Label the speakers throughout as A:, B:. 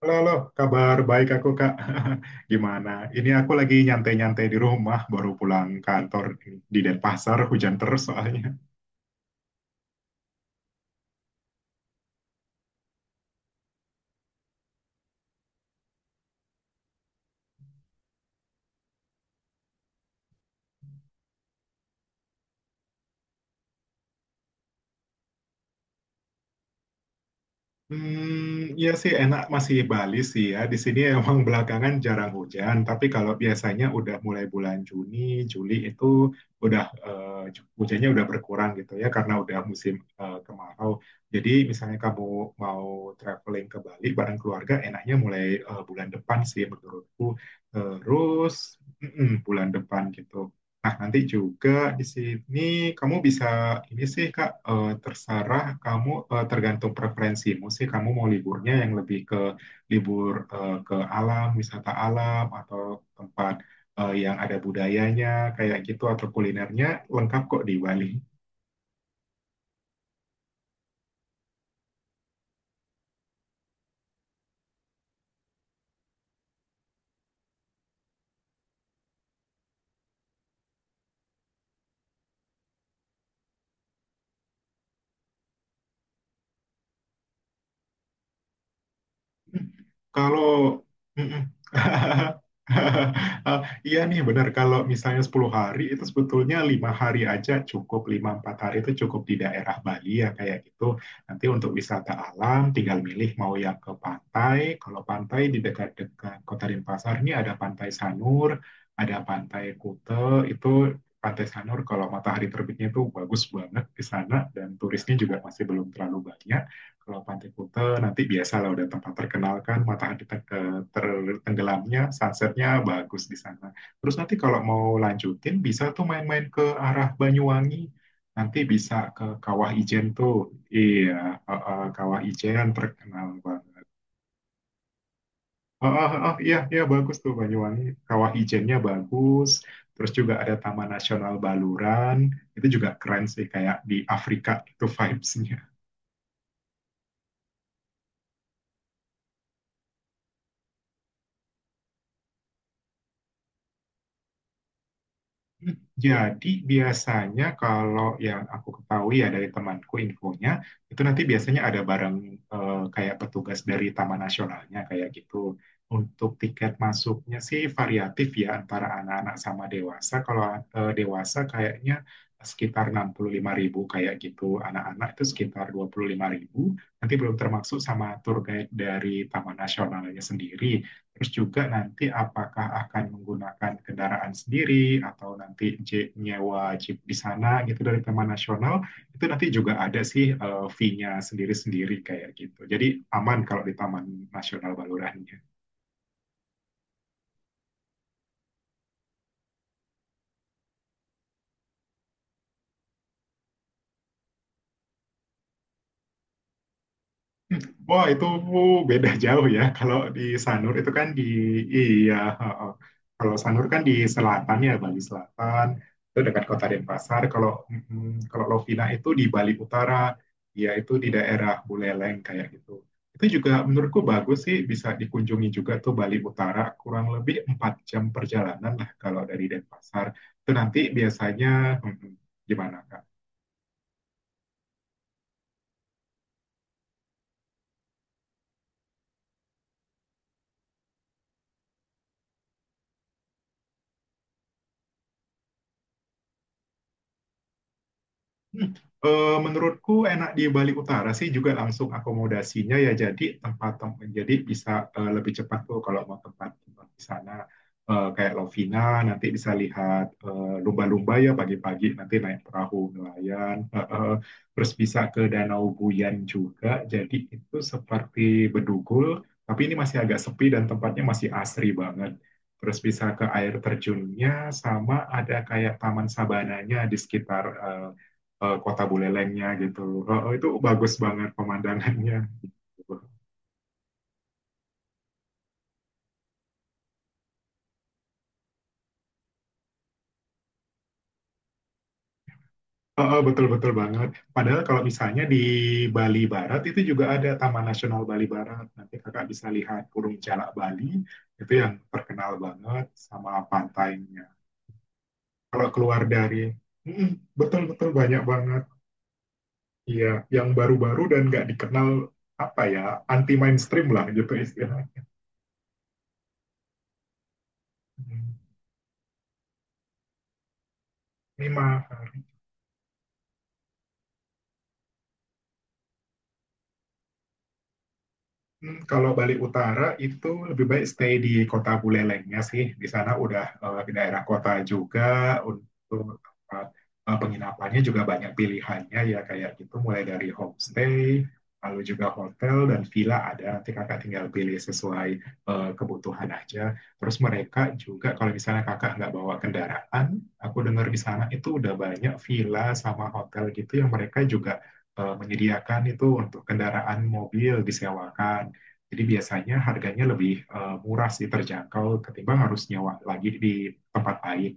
A: Halo, halo, kabar baik aku Kak. Gimana? Ini aku lagi nyantai-nyantai di rumah, baru pulang kantor di Denpasar, hujan terus soalnya. Iya sih enak masih Bali sih ya. Di sini emang belakangan jarang hujan, tapi kalau biasanya udah mulai bulan Juni, Juli itu udah hujannya udah berkurang gitu ya karena udah musim kemarau. Jadi misalnya kamu mau traveling ke Bali bareng keluarga, enaknya mulai bulan depan sih menurutku. Terus mm-mm, bulan depan gitu. Nah, nanti juga di sini kamu bisa ini sih Kak, terserah kamu, tergantung preferensimu sih kamu mau liburnya yang lebih ke libur, ke alam, wisata alam atau tempat yang ada budayanya kayak gitu atau kulinernya lengkap kok di Bali. Kalau Mm-mm. Ah, iya nih benar kalau misalnya 10 hari itu sebetulnya 5 hari aja cukup, 5 4 hari itu cukup di daerah Bali ya kayak gitu, nanti untuk wisata alam tinggal milih mau yang ke pantai. Kalau pantai di dekat-dekat Kota Denpasar ini ada Pantai Sanur, ada Pantai Kute. Itu Pantai Sanur kalau matahari terbitnya itu bagus banget di sana dan turisnya juga masih belum terlalu banyak. Kalau Pantai Kuta nanti biasa lah, udah tempat terkenal kan, matahari tenggelamnya, sunsetnya bagus di sana. Terus nanti kalau mau lanjutin bisa tuh main-main ke arah Banyuwangi. Nanti bisa ke Kawah Ijen tuh. Iya, Kawah Ijen terkenal banget. Oh, oh, oh, iya, iya bagus tuh Banyuwangi. Kawah Ijennya bagus. Terus juga ada Taman Nasional Baluran. Itu juga keren sih, kayak di Afrika itu vibes. Jadi biasanya kalau yang aku ketahui ya, dari temanku infonya itu nanti biasanya ada barang kayak petugas dari Taman Nasionalnya kayak gitu. Untuk tiket masuknya sih variatif ya antara anak-anak sama dewasa. Kalau dewasa kayaknya sekitar 65 ribu kayak gitu. Anak-anak itu sekitar 25 ribu. Nanti belum termasuk sama tour guide dari Taman Nasionalnya sendiri. Terus juga nanti apakah akan menggunakan kendaraan sendiri atau nanti nyewa jeep di sana gitu dari Taman Nasional, itu nanti juga ada sih fee-nya sendiri-sendiri kayak gitu. Jadi aman kalau di Taman Nasional Balurannya. Wah, itu beda jauh ya. Kalau di Sanur itu kan di iya, heeh. Kalau Sanur kan di selatan ya, Bali Selatan. Itu dekat Kota Denpasar. Kalau mm, kalau Lovina itu di Bali Utara, ya itu di daerah Buleleng kayak gitu. Itu juga menurutku bagus sih, bisa dikunjungi juga tuh Bali Utara. Kurang lebih 4 jam perjalanan lah kalau dari Denpasar. Itu nanti biasanya mm, gimana Kak? Hmm, menurutku enak di Bali Utara sih, juga langsung akomodasinya ya, jadi tempat tempat jadi bisa lebih cepat tuh kalau mau tempat tempat di sana. Eh, kayak Lovina nanti bisa lihat, lumba-lumba ya, pagi-pagi nanti naik perahu nelayan. Terus bisa ke Danau Buyan juga, jadi itu seperti Bedugul tapi ini masih agak sepi dan tempatnya masih asri banget. Terus bisa ke air terjunnya, sama ada kayak taman sabananya di sekitar kota Bulelengnya gitu. Itu bagus banget pemandangannya. Betul-betul banget. Padahal kalau misalnya di Bali Barat itu juga ada Taman Nasional Bali Barat. Nanti kakak bisa lihat Burung Jalak Bali itu yang terkenal banget sama pantainya. Kalau keluar dari mm, betul-betul banyak banget. Iya, yang baru-baru dan nggak dikenal, apa ya, anti mainstream lah gitu istilahnya. Mm. Ini mah kalau Bali Utara itu lebih baik stay di kota Bulelengnya sih. Di sana udah, di daerah kota juga untuk tempat penginapannya juga banyak pilihannya ya kayak gitu, mulai dari homestay, lalu juga hotel dan villa ada. Nanti kakak tinggal pilih sesuai kebutuhan aja. Terus mereka juga kalau misalnya kakak nggak bawa kendaraan, aku dengar di sana itu udah banyak villa sama hotel gitu yang mereka juga menyediakan itu untuk kendaraan mobil disewakan. Jadi biasanya harganya lebih murah sih, terjangkau ketimbang harus nyewa lagi di tempat lain.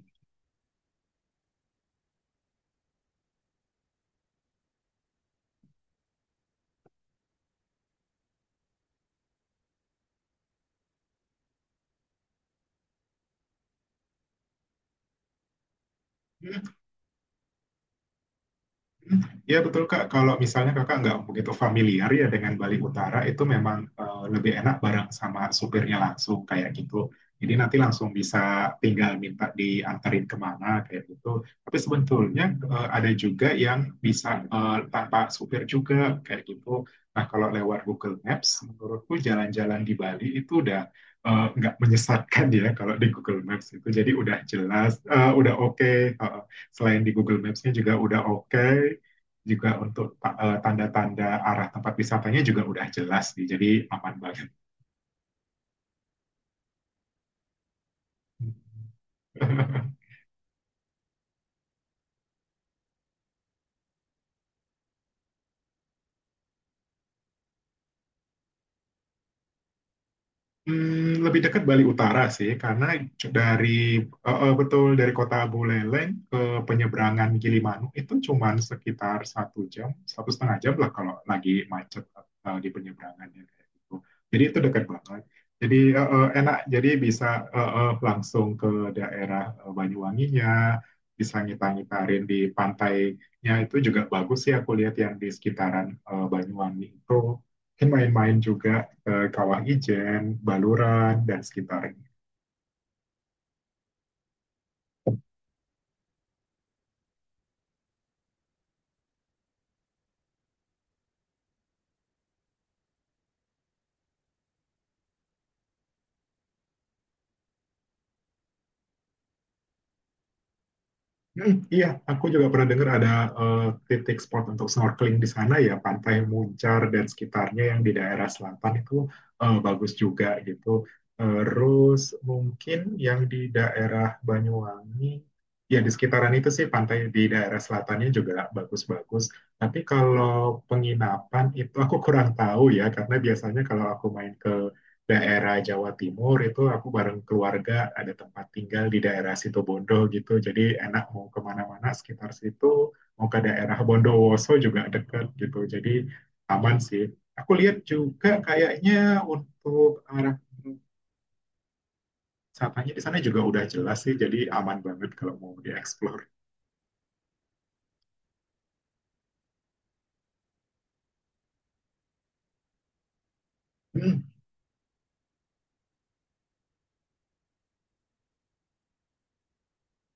A: Ya betul Kak, kalau misalnya Kakak nggak begitu familiar ya dengan Bali Utara, itu memang lebih enak bareng sama supirnya langsung kayak gitu. Jadi nanti langsung bisa tinggal minta diantarin kemana kayak gitu. Tapi sebetulnya ada juga yang bisa tanpa supir juga kayak gitu. Nah kalau lewat Google Maps, menurutku jalan-jalan di Bali itu udah nggak menyesatkan ya kalau di Google Maps itu. Jadi udah jelas, eh, udah oke. Selain di Google Maps-nya juga udah oke juga untuk tanda-tanda arah tempat wisatanya juga udah jelas nih, jadi aman banget. Lebih dekat Bali Utara sih, karena dari betul dari kota Buleleng ke penyeberangan Gilimanuk itu cuman sekitar 1 jam, 1,5 jam lah kalau lagi macet di penyeberangannya kayak gitu. Jadi itu dekat banget. Jadi enak, jadi bisa langsung ke daerah Banyuwanginya, bisa ngita-ngitarin di pantainya, itu juga bagus sih aku lihat yang di sekitaran Banyuwangi itu. Mungkin main-main juga Kawah Ijen, Baluran, dan sekitarnya. Hmm, iya, aku juga pernah dengar ada titik spot untuk snorkeling di sana ya, Pantai Muncar dan sekitarnya yang di daerah selatan itu bagus juga gitu. Terus mungkin yang di daerah Banyuwangi, ya di sekitaran itu sih pantai di daerah selatannya juga bagus-bagus. Tapi kalau penginapan itu aku kurang tahu ya, karena biasanya kalau aku main ke daerah Jawa Timur itu aku bareng keluarga ada tempat tinggal di daerah Situbondo gitu. Jadi enak mau kemana-mana sekitar situ, mau ke daerah Bondowoso juga dekat gitu. Jadi aman sih. Aku lihat juga kayaknya untuk arah wisatanya di sana juga udah jelas sih. Jadi aman banget kalau mau dieksplor. Hmm.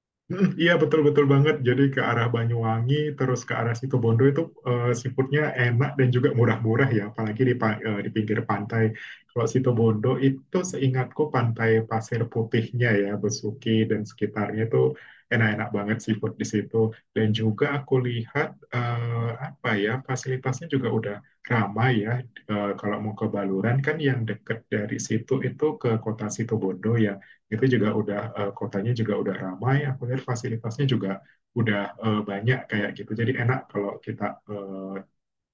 A: Iya betul betul banget. Jadi ke arah Banyuwangi terus ke arah Situbondo itu seafoodnya enak dan juga murah-murah ya, apalagi di di pinggir pantai. Kalau Situbondo itu seingatku pantai Pasir Putihnya ya, Besuki dan sekitarnya itu enak-enak banget seafood di situ. Dan juga aku lihat, apa ya, fasilitasnya juga udah ramai ya. Eh, kalau mau ke Baluran kan yang deket dari situ itu ke kota Situbondo ya, itu juga udah, kotanya juga udah ramai, aku lihat fasilitasnya juga udah banyak kayak gitu, jadi enak kalau kita eh,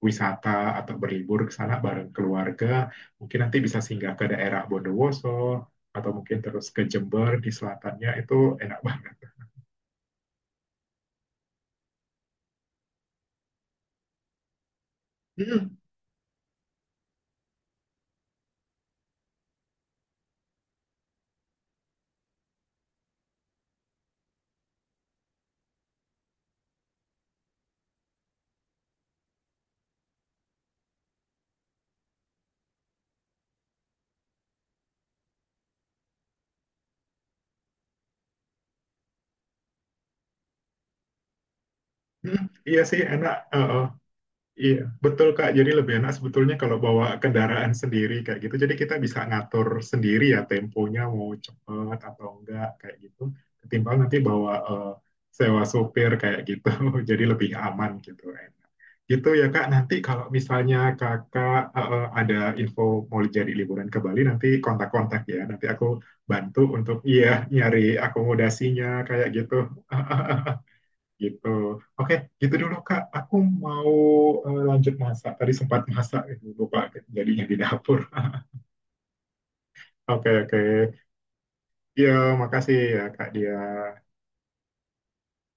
A: wisata atau berlibur ke sana bareng keluarga, mungkin nanti bisa singgah ke daerah Bondowoso atau mungkin terus ke Jember di selatannya itu enak banget. Hmm, hmm, iya sih enak. Eh. Iya, betul Kak. Jadi lebih enak sebetulnya kalau bawa kendaraan sendiri kayak gitu. Jadi kita bisa ngatur sendiri ya temponya mau cepet atau enggak kayak gitu. Ketimbang nanti bawa sewa sopir kayak gitu. Jadi lebih aman gitu, enak. Gitu ya Kak. Nanti kalau misalnya Kakak ada info mau jadi liburan ke Bali nanti kontak-kontak ya. Nanti aku bantu untuk iya nyari akomodasinya kayak gitu. Gitu. Oke, gitu dulu Kak. Aku mau lanjut masak. Tadi sempat masak, eh, lupa jadinya di dapur. Oke, oke. Ya, makasih ya Kak dia.